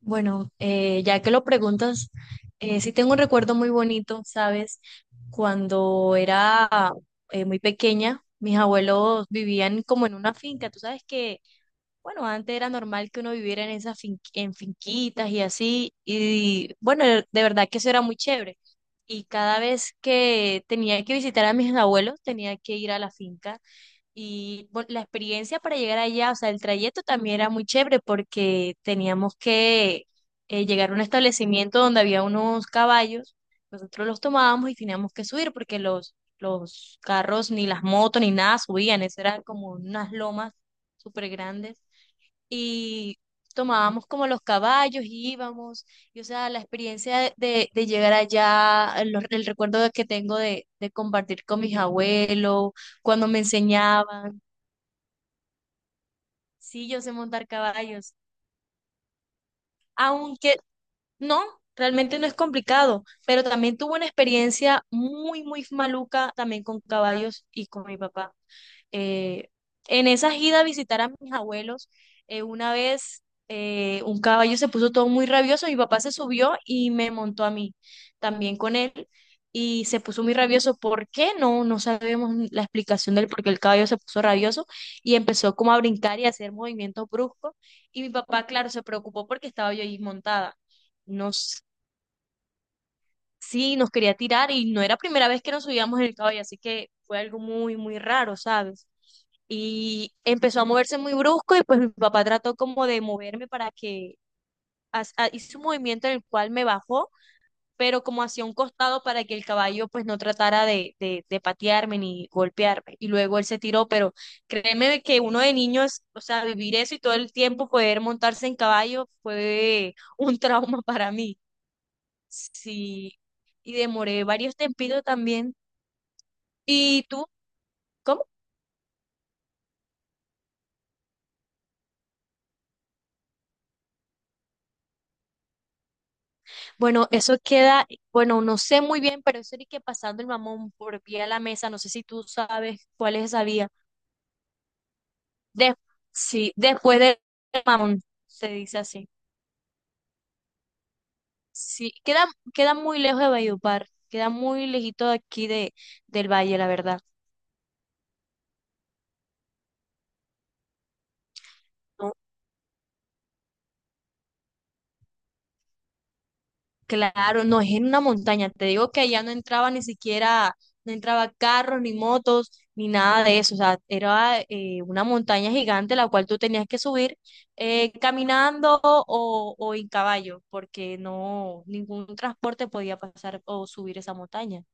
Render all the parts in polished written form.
Bueno, ya que lo preguntas, sí tengo un recuerdo muy bonito, ¿sabes? Cuando era muy pequeña, mis abuelos vivían como en una finca. Tú sabes que, bueno, antes era normal que uno viviera en esas en finquitas y así. Y bueno, de verdad que eso era muy chévere. Y cada vez que tenía que visitar a mis abuelos, tenía que ir a la finca y bueno, la experiencia para llegar allá, o sea, el trayecto también era muy chévere porque teníamos que llegar a un establecimiento donde había unos caballos, nosotros los tomábamos y teníamos que subir porque los carros, ni las motos, ni nada subían, eso eran como unas lomas súper grandes. Y tomábamos como los caballos, y íbamos, y o sea, la experiencia de llegar allá, el recuerdo que tengo de compartir con mis abuelos, cuando me enseñaban. Sí, yo sé montar caballos. Aunque no, realmente no es complicado, pero también tuve una experiencia muy, muy maluca también con caballos y con mi papá. Eh, en esa ida a visitar a mis abuelos, una vez un caballo se puso todo muy rabioso, mi papá se subió y me montó a mí también con él y se puso muy rabioso. ¿Por qué? No sabemos ni la explicación del por qué el caballo se puso rabioso y empezó como a brincar y a hacer movimientos bruscos y mi papá, claro, se preocupó porque estaba yo ahí montada nos, sí, nos quería tirar y no era primera vez que nos subíamos en el caballo, así que fue algo muy, muy raro, ¿sabes? Y empezó a moverse muy brusco y pues mi papá trató como de moverme para que, hizo un movimiento en el cual me bajó, pero como hacia un costado para que el caballo pues no tratara de patearme ni golpearme. Y luego él se tiró, pero créeme que uno de niños, o sea, vivir eso y todo el tiempo poder montarse en caballo fue un trauma para mí. Sí, y demoré varios tempitos también. ¿Y tú? ¿Cómo? Bueno, eso queda, bueno, no sé muy bien, pero eso era que pasando el mamón por pie a la mesa, no sé si tú sabes cuál es esa vía. De- sí, después del mamón, se dice así. Sí, queda, queda muy lejos de Valledupar, queda muy lejito de aquí de, del valle, la verdad. Claro, no, es en una montaña. Te digo que allá no entraba ni siquiera, no entraba carros, ni motos, ni nada de eso. O sea, era una montaña gigante la cual tú tenías que subir caminando o en caballo, porque no, ningún transporte podía pasar o subir esa montaña.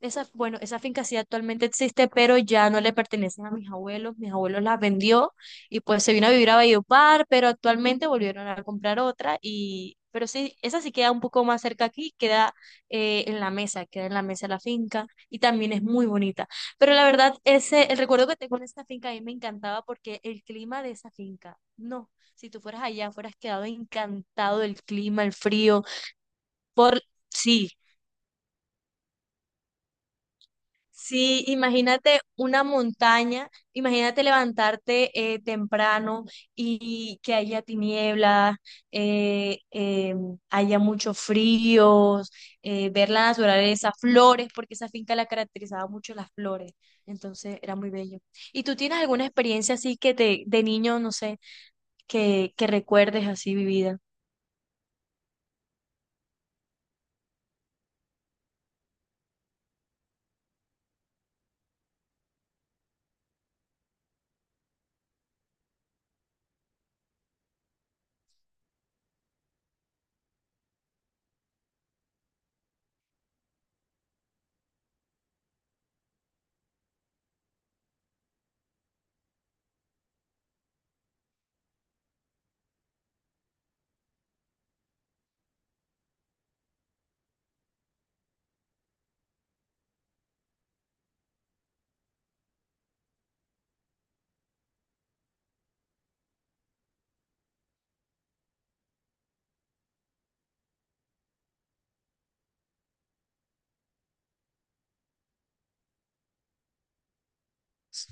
Esa, bueno, esa finca sí actualmente existe, pero ya no le pertenece a mis abuelos. Mis abuelos la vendió y pues se vino a vivir a Valledupar, pero actualmente volvieron a comprar otra y, pero sí, esa sí queda un poco más cerca aquí, queda en la mesa, queda en la mesa la finca y también es muy bonita. Pero la verdad, ese, el recuerdo que tengo de esta finca a mí me encantaba porque el clima de esa finca, no, si tú fueras allá, fueras quedado encantado del clima, el frío, por, sí. Sí, imagínate una montaña, imagínate levantarte temprano y que haya tinieblas, eh, eh, haya mucho frío, ver la naturaleza, flores, porque esa finca la caracterizaba mucho las flores, entonces era muy bello. ¿Y tú tienes alguna experiencia así que te, de niño, no sé, que recuerdes así vivida?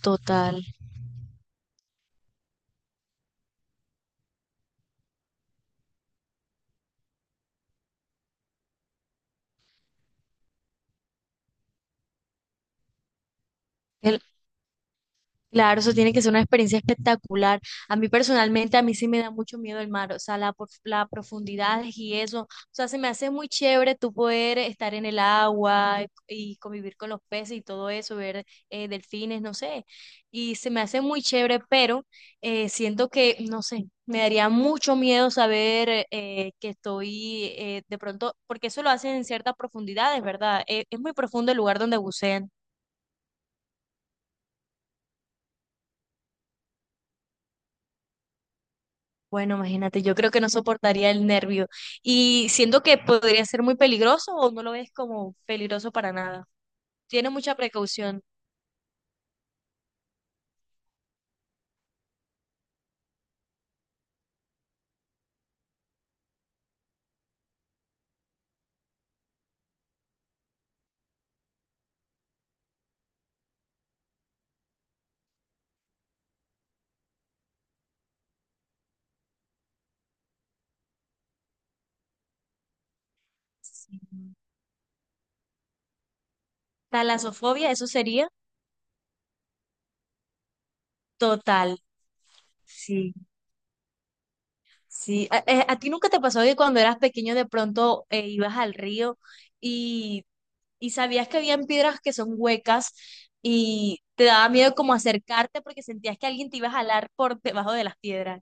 Total. El- Claro, eso tiene que ser una experiencia espectacular. A mí personalmente, a mí sí me da mucho miedo el mar, o sea, la, la profundidad y eso. O sea, se me hace muy chévere tú poder estar en el agua y convivir con los peces y todo eso, ver delfines, no sé. Y se me hace muy chévere, pero siento que, no sé, me daría mucho miedo saber que estoy de pronto, porque eso lo hacen en ciertas profundidades, ¿verdad? Es muy profundo el lugar donde bucean. Bueno, imagínate, yo creo que no soportaría el nervio y siento que podría ser muy peligroso o no lo ves como peligroso para nada. Tiene mucha precaución. Sí. Talasofobia, eso sería total. Sí, sí. ¿A, a ti nunca te pasó que cuando eras pequeño de pronto ibas al río y, y sabías que habían piedras que son huecas y te daba miedo como acercarte porque sentías que alguien te iba a jalar por debajo de las piedras?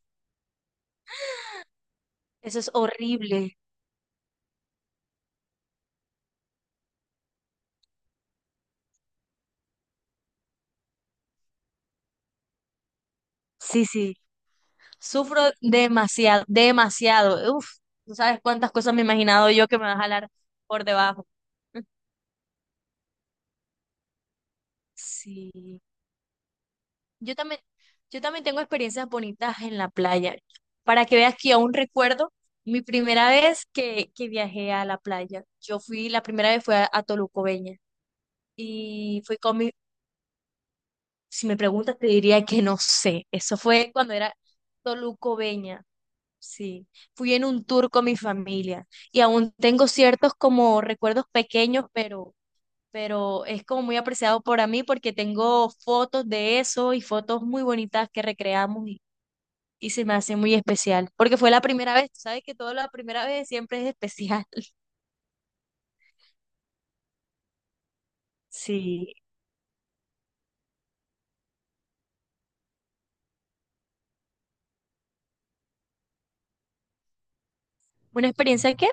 Eso es horrible. Sí, sí. Sufro demasiado, demasiado. Uf, tú sabes cuántas cosas me he imaginado yo que me va a jalar por debajo. Sí. Yo también, yo también tengo experiencias bonitas en la playa. Para que veas que aún recuerdo mi primera vez que viajé a la playa. Yo fui, la primera vez fue a Tolucobeña. Y fui con mi, si me preguntas, te diría que no sé. Eso fue cuando era Tolucobeña. Sí, fui en un tour con mi familia y aún tengo ciertos como recuerdos pequeños, pero es como muy apreciado para mí porque tengo fotos de eso y fotos muy bonitas que recreamos y se me hace muy especial porque fue la primera vez, tú sabes que todo la primera vez siempre es especial. Sí, una experiencia que,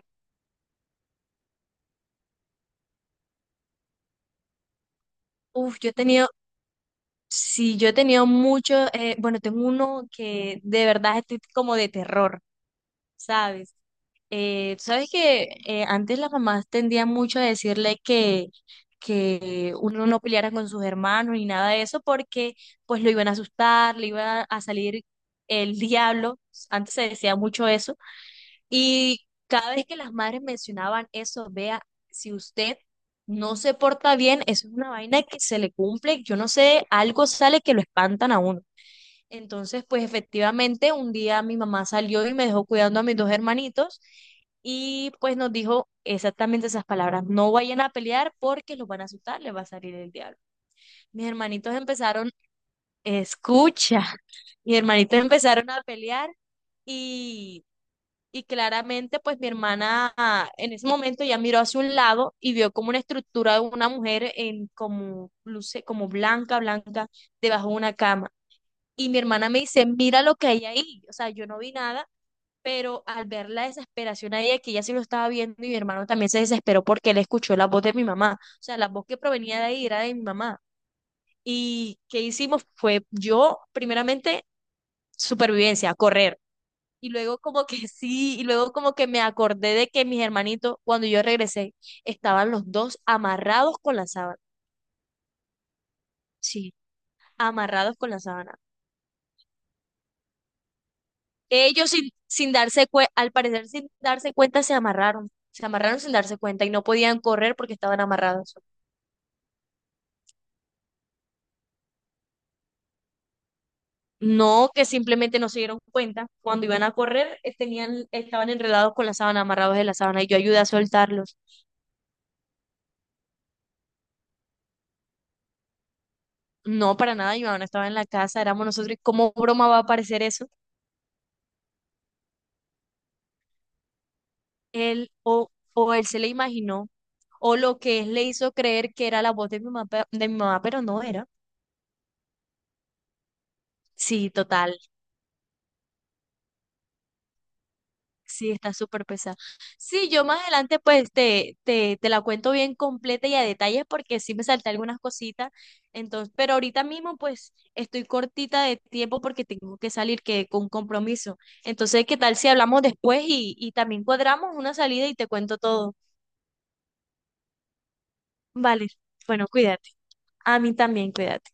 uff, yo he tenido, sí, yo he tenido mucho, bueno, tengo uno que de verdad estoy como de terror. ¿Sabes? Sabes que antes las mamás tendían mucho a decirle que uno no peleara con sus hermanos ni nada de eso porque pues lo iban a asustar, le iba a salir el diablo, antes se decía mucho eso, y cada vez que las madres mencionaban eso, vea, si usted no se porta bien, eso es una vaina que se le cumple, yo no sé, algo sale que lo espantan a uno. Entonces, pues efectivamente, un día mi mamá salió y me dejó cuidando a mis dos hermanitos y pues nos dijo exactamente esas palabras, no vayan a pelear porque los van a asustar, les va a salir el diablo. Mis hermanitos empezaron, escucha, mis hermanitos empezaron a pelear y, y claramente pues mi hermana en ese momento ya miró hacia un lado y vio como una estructura de una mujer en como, luce, como blanca, blanca, debajo de una cama. Y mi hermana me dice, mira lo que hay ahí. O sea, yo no vi nada, pero al ver la desesperación ahí, que ella sí lo estaba viendo y mi hermano también se desesperó porque él escuchó la voz de mi mamá. O sea, la voz que provenía de ahí era de mi mamá. Y qué hicimos fue yo, primeramente, supervivencia, correr. Y luego como que sí, y luego como que me acordé de que mis hermanitos, cuando yo regresé, estaban los dos amarrados con la sábana. Sí, amarrados con la sábana. Ellos sin, sin darse cuenta, al parecer sin darse cuenta, se amarraron. Se amarraron sin darse cuenta y no podían correr porque estaban amarrados. No que simplemente no se dieron cuenta. Cuando iban a correr, tenían, estaban enredados con la sábana, amarrados de la sábana, y yo ayudé a soltarlos. No, para nada, mi mamá no estaba en la casa, éramos nosotros. ¿Y cómo broma va a aparecer eso? Él o él se le imaginó, o lo que es le hizo creer que era la voz de mi mamá, de mi mamá, pero no era. Sí, total. Sí, está súper pesada. Sí, yo más adelante pues te la cuento bien completa y a detalles porque sí me salté algunas cositas. Entonces, pero ahorita mismo pues estoy cortita de tiempo porque tengo que salir que con un compromiso. Entonces, ¿qué tal si hablamos después y también cuadramos una salida y te cuento todo? Vale, bueno, cuídate. A mí también, cuídate.